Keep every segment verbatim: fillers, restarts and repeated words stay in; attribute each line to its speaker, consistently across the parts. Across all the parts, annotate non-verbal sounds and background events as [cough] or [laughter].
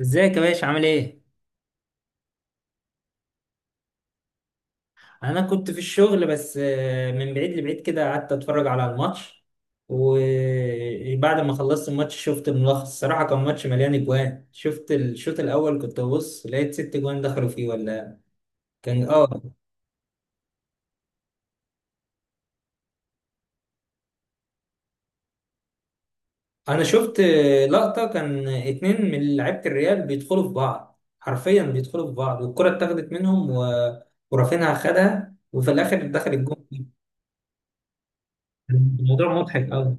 Speaker 1: ازيك يا باشا عامل ايه؟ انا كنت في الشغل بس آه، من بعيد لبعيد كده قعدت اتفرج على الماتش. وبعد ما خلصت الماتش شفت الملخص الصراحة كان ماتش مليان اجوان. شفت الشوط الاول كنت ببص لقيت ست اجوان دخلوا فيه ولا كان اه. انا شفت آه، لقطة كان اتنين من لعيبة الريال بيدخلوا في بعض حرفيا بيدخلوا في بعض والكرة اتاخدت منهم و... ورافينها خدها وفي الاخر دخل الجون. الموضوع مضحك قوي.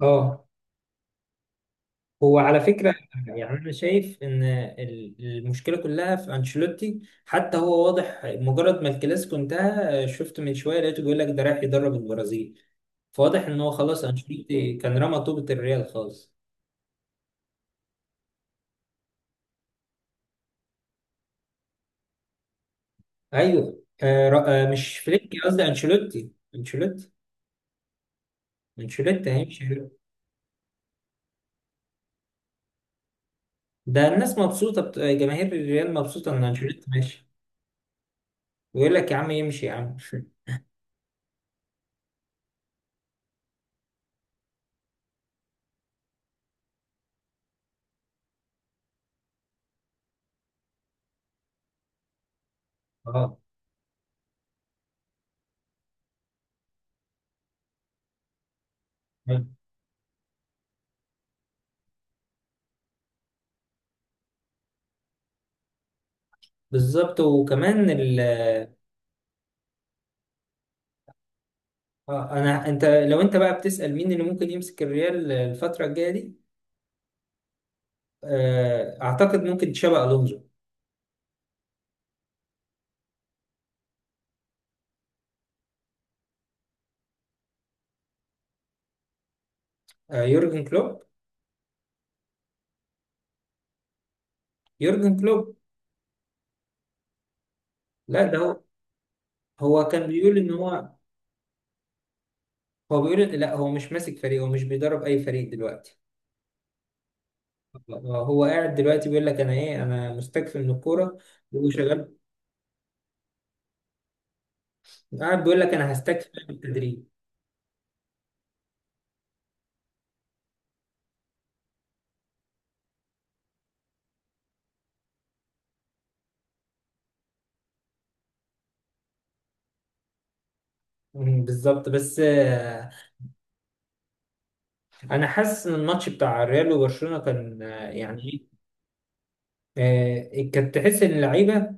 Speaker 1: اه هو على فكرة. يعني أنا شايف إن ال- المشكلة كلها في أنشيلوتي. حتى هو واضح مجرد ما الكلاسيكو انتهى، آه، شفت من شوية لقيته بيقول لك ده رايح يدرب البرازيل. فواضح إن هو خلاص أنشيلوتي كان رمى طوبة الريال خالص. أيوه آه ر- آه، مش فليك قصدي أنشيلوتي. أنشيلوتي أنشيلوتي هيمشي. ده الناس مبسوطة بت... آه، جماهير الريال مبسوطة إن أنشيلوتي ماشي. ويقول لك يا عم يمشي يا عم. [laughs] اه بالظبط وكمان. اه انا انت لو انت بقى بتسأل مين اللي ممكن يمسك الريال الفترة الجاية دي، آه، اعتقد ممكن تشابي الونزو. آه، يورجن كلوب. يورجن كلوب. لا ده هو. هو كان بيقول ان هو. هو بيقول لا هو مش ماسك فريق، هو مش بيدرب اي فريق دلوقتي. آه، هو قاعد دلوقتي بيقول لك انا ايه، انا مستكفي من الكورة وشغال. قاعد بيقول لك انا هستكفي من التدريب. مم، بالظبط بس آه، انا حاسس ان الماتش بتاع الريال وبرشلونة كان، آه، يعني إيه، آه، كانت تحس ان اللعيبه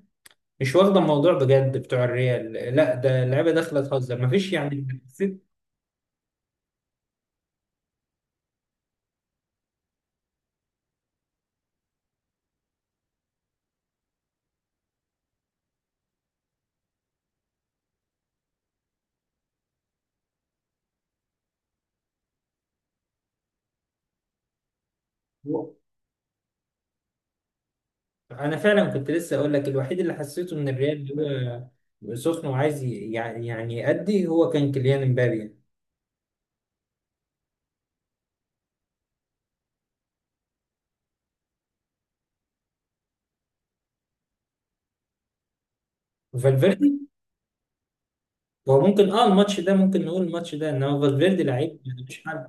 Speaker 1: مش واخده الموضوع بجد. بتوع الريال لا، ده اللعيبه داخله تهزر مفيش. يعني حسيت انا فعلا. كنت لسه اقول لك الوحيد اللي حسيته ان الريال هو سخن وعايز ي- يعني يعني يأدي، هو كان كيليان امبابي يعني. فالفيردي هو ممكن اه الماتش ده، ممكن نقول الماتش ده ان هو فالفيردي لعيب مفيش حل.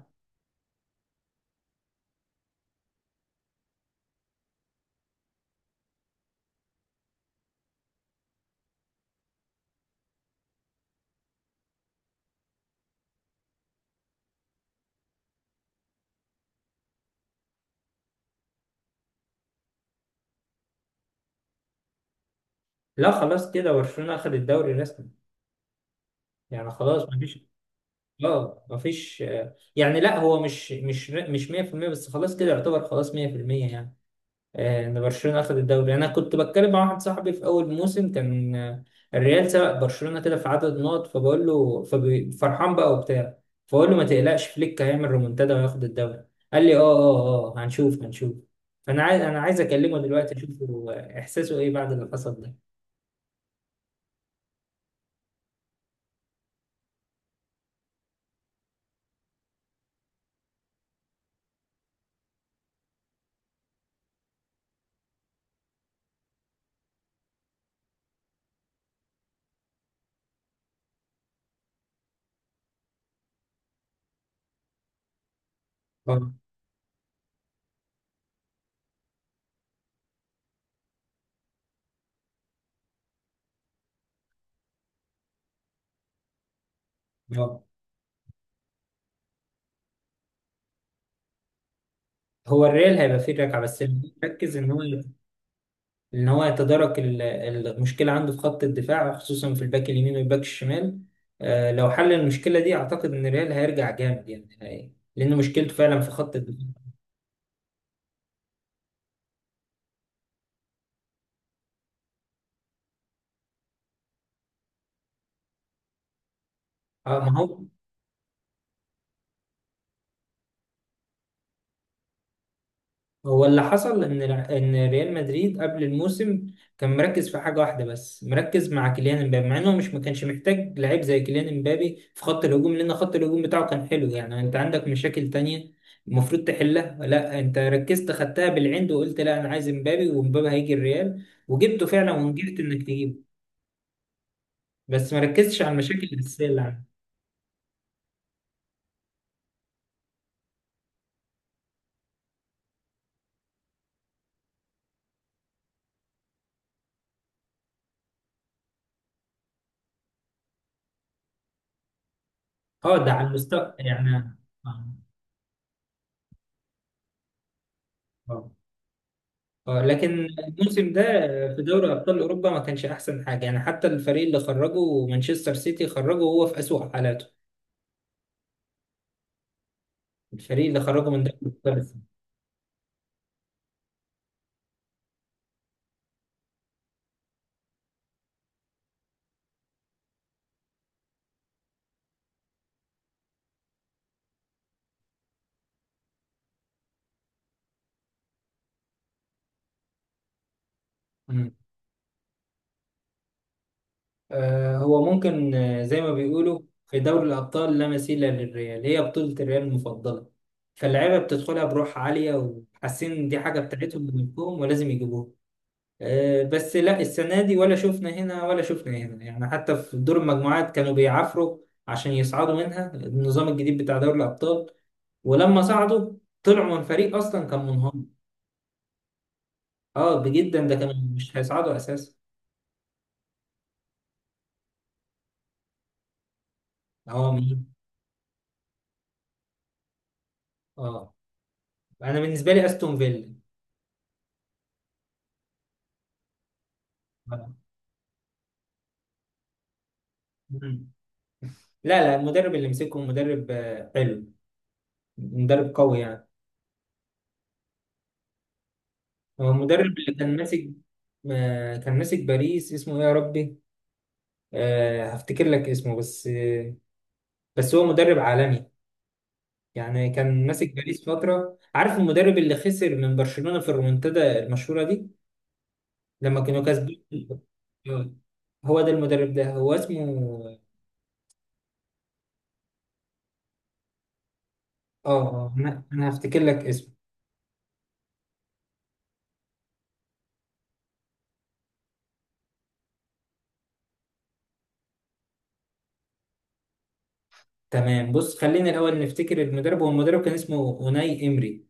Speaker 1: لا خلاص كده برشلونه اخذ الدوري رسمي. يعني خلاص مفيش. اه مفيش آه، يعني لا هو مش مش مش مية في المية بس خلاص كده يعتبر خلاص مية في المية يعني. آه، ان برشلونه اخذ الدوري، انا كنت بتكلم مع واحد صاحبي في اول موسم كان آه، الريال سبق برشلونه كده في عدد نقط، فبقول له ففرحان بقى وبتاع. فبقول له ما تقلقش فليك هيعمل ريمونتادا وياخد الدوري. قال لي اه اه اه، آه، هنشوف هنشوف. فانا عايز انا عايز اكلمه دلوقتي اشوف هو احساسه ايه بعد اللي حصل ده. اه اه. هو الريال هيبقى فيه ركعه بس ركز ان هو، ان هو يتدارك ال- المشكله عنده في خط الدفاع خصوصا في الباك اليمين والباك الشمال. آه، لو حل المشكله دي اعتقد ان ريال هيرجع جامد يعني هي- لان مشكلته فعلا في خط الدفاع. اه ما هو. هو اللي حصل ان الع- ان ريال مدريد قبل الموسم كان مركز في حاجه واحده بس، مركز مع كيليان امبابي، مع انه مش ما كانش محتاج لعيب زي كيليان امبابي في خط الهجوم، لان خط الهجوم بتاعه كان حلو. يعني انت عندك مشاكل تانية المفروض تحلها، لا انت ركزت خدتها بالعند وقلت لا انا عايز امبابي وامبابي هيجي الريال، وجبته فعلا ونجحت انك تجيبه بس ما ركزتش على المشاكل الاساسيه اللي عندك. اه ده على المستوى يعني. آه. آه. اه لكن الموسم ده في دوري ابطال اوروبا ما كانش احسن حاجه. يعني حتى الفريق اللي خرجه مانشستر سيتي، خرجه هو في اسوأ حالاته الفريق اللي خرجه من دوري الابطال. مم. آه هو ممكن آه، زي ما بيقولوا في دوري الابطال لا مثيل للريال، هي بطوله الريال المفضله، فاللعيبه بتدخلها بروح عاليه وحاسين دي حاجه بتاعتهم وملكهم ولازم يجيبوها. آه، بس لا السنة دي ولا شفنا هنا ولا شفنا هنا. يعني حتى في دور المجموعات كانوا بيعافروا عشان يصعدوا منها النظام الجديد بتاع دوري الأبطال. ولما صعدوا طلعوا من فريق أصلا كان منهار. اه بجدا، ده كانوا مش هيصعدوا أساسا. اه مين. اه أنا بالنسبة لي أستون فيلا. آه. مم. لا لا المدرب اللي مسكه مدرب آه، حلو. مدرب قوي يعني. هو المدرب اللي كان ماسك، آه، كان ماسك باريس اسمه ايه يا ربي. آه، هفتكر لك اسمه بس آه، بس هو مدرب عالمي يعني. كان ماسك باريس فترة، عارف المدرب اللي خسر من برشلونة في الريمونتادا المشهورة دي لما كانوا كاسبين. آه، هو ده المدرب، ده هو اسمه. اه اه انا أنا هفتكر لك اسمه. تمام بص خلينا الأول نفتكر المدرب. هو المدرب كان اسمه أوناي إمري،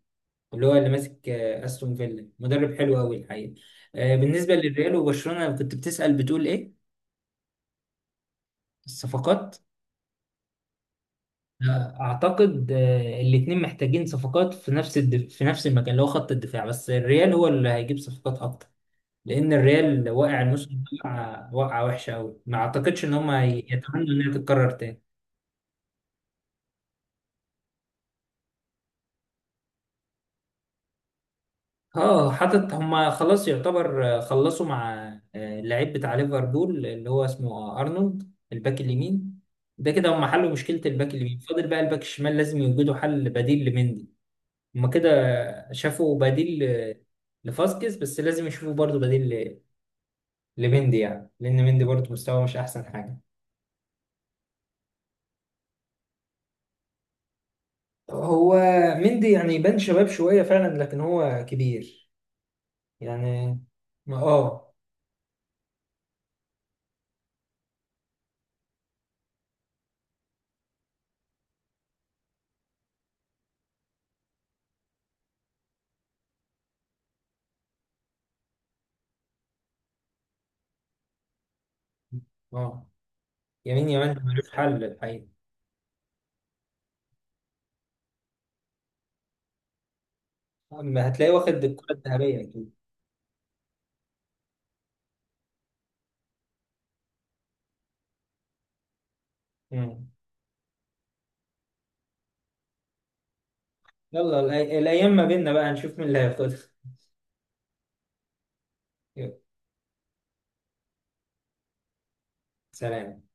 Speaker 1: اللي هو اللي ماسك آه، أستون فيلا، مدرب حلو أوي الحقيقة. آه، بالنسبة للريال وبرشلونة، كنت بتسأل بتقول إيه؟ الصفقات. اعتقد الاثنين محتاجين صفقات في نفس الدف... في نفس المكان اللي هو خط الدفاع، بس الريال هو اللي هيجيب صفقات اكتر لان الريال واقع الموسم ده وقعه، وقعة وحشه قوي ما اعتقدش ان هم يتمنوا انها تتكرر تاني. اه حاطط، هم خلاص يعتبر آه، خلصوا مع آه، اللعيب بتاع ليفربول اللي هو اسمه آه، ارنولد الباك اليمين. ده كده هم حلوا مشكله الباك اليمين، فاضل بقى الباك الشمال لازم يوجدوا حل بديل لمندي. هما كده شافوا بديل ل- لفاسكيز، بس لازم يشوفوا برضو بديل ل- لمندي، يعني لأن مندي برضو مستواه مش أحسن حاجة. هو مندي يعني يبان شباب شوية فعلا لكن هو كبير يعني. ما اه اه. يمين يمين ملوش حل الحقيقة. أما هتلاقيه واخد الكرة الذهبية أكيد. مم. يلا الأي- الأيام ما بيننا بقى نشوف مين اللي هياخدها. يلا، سلام.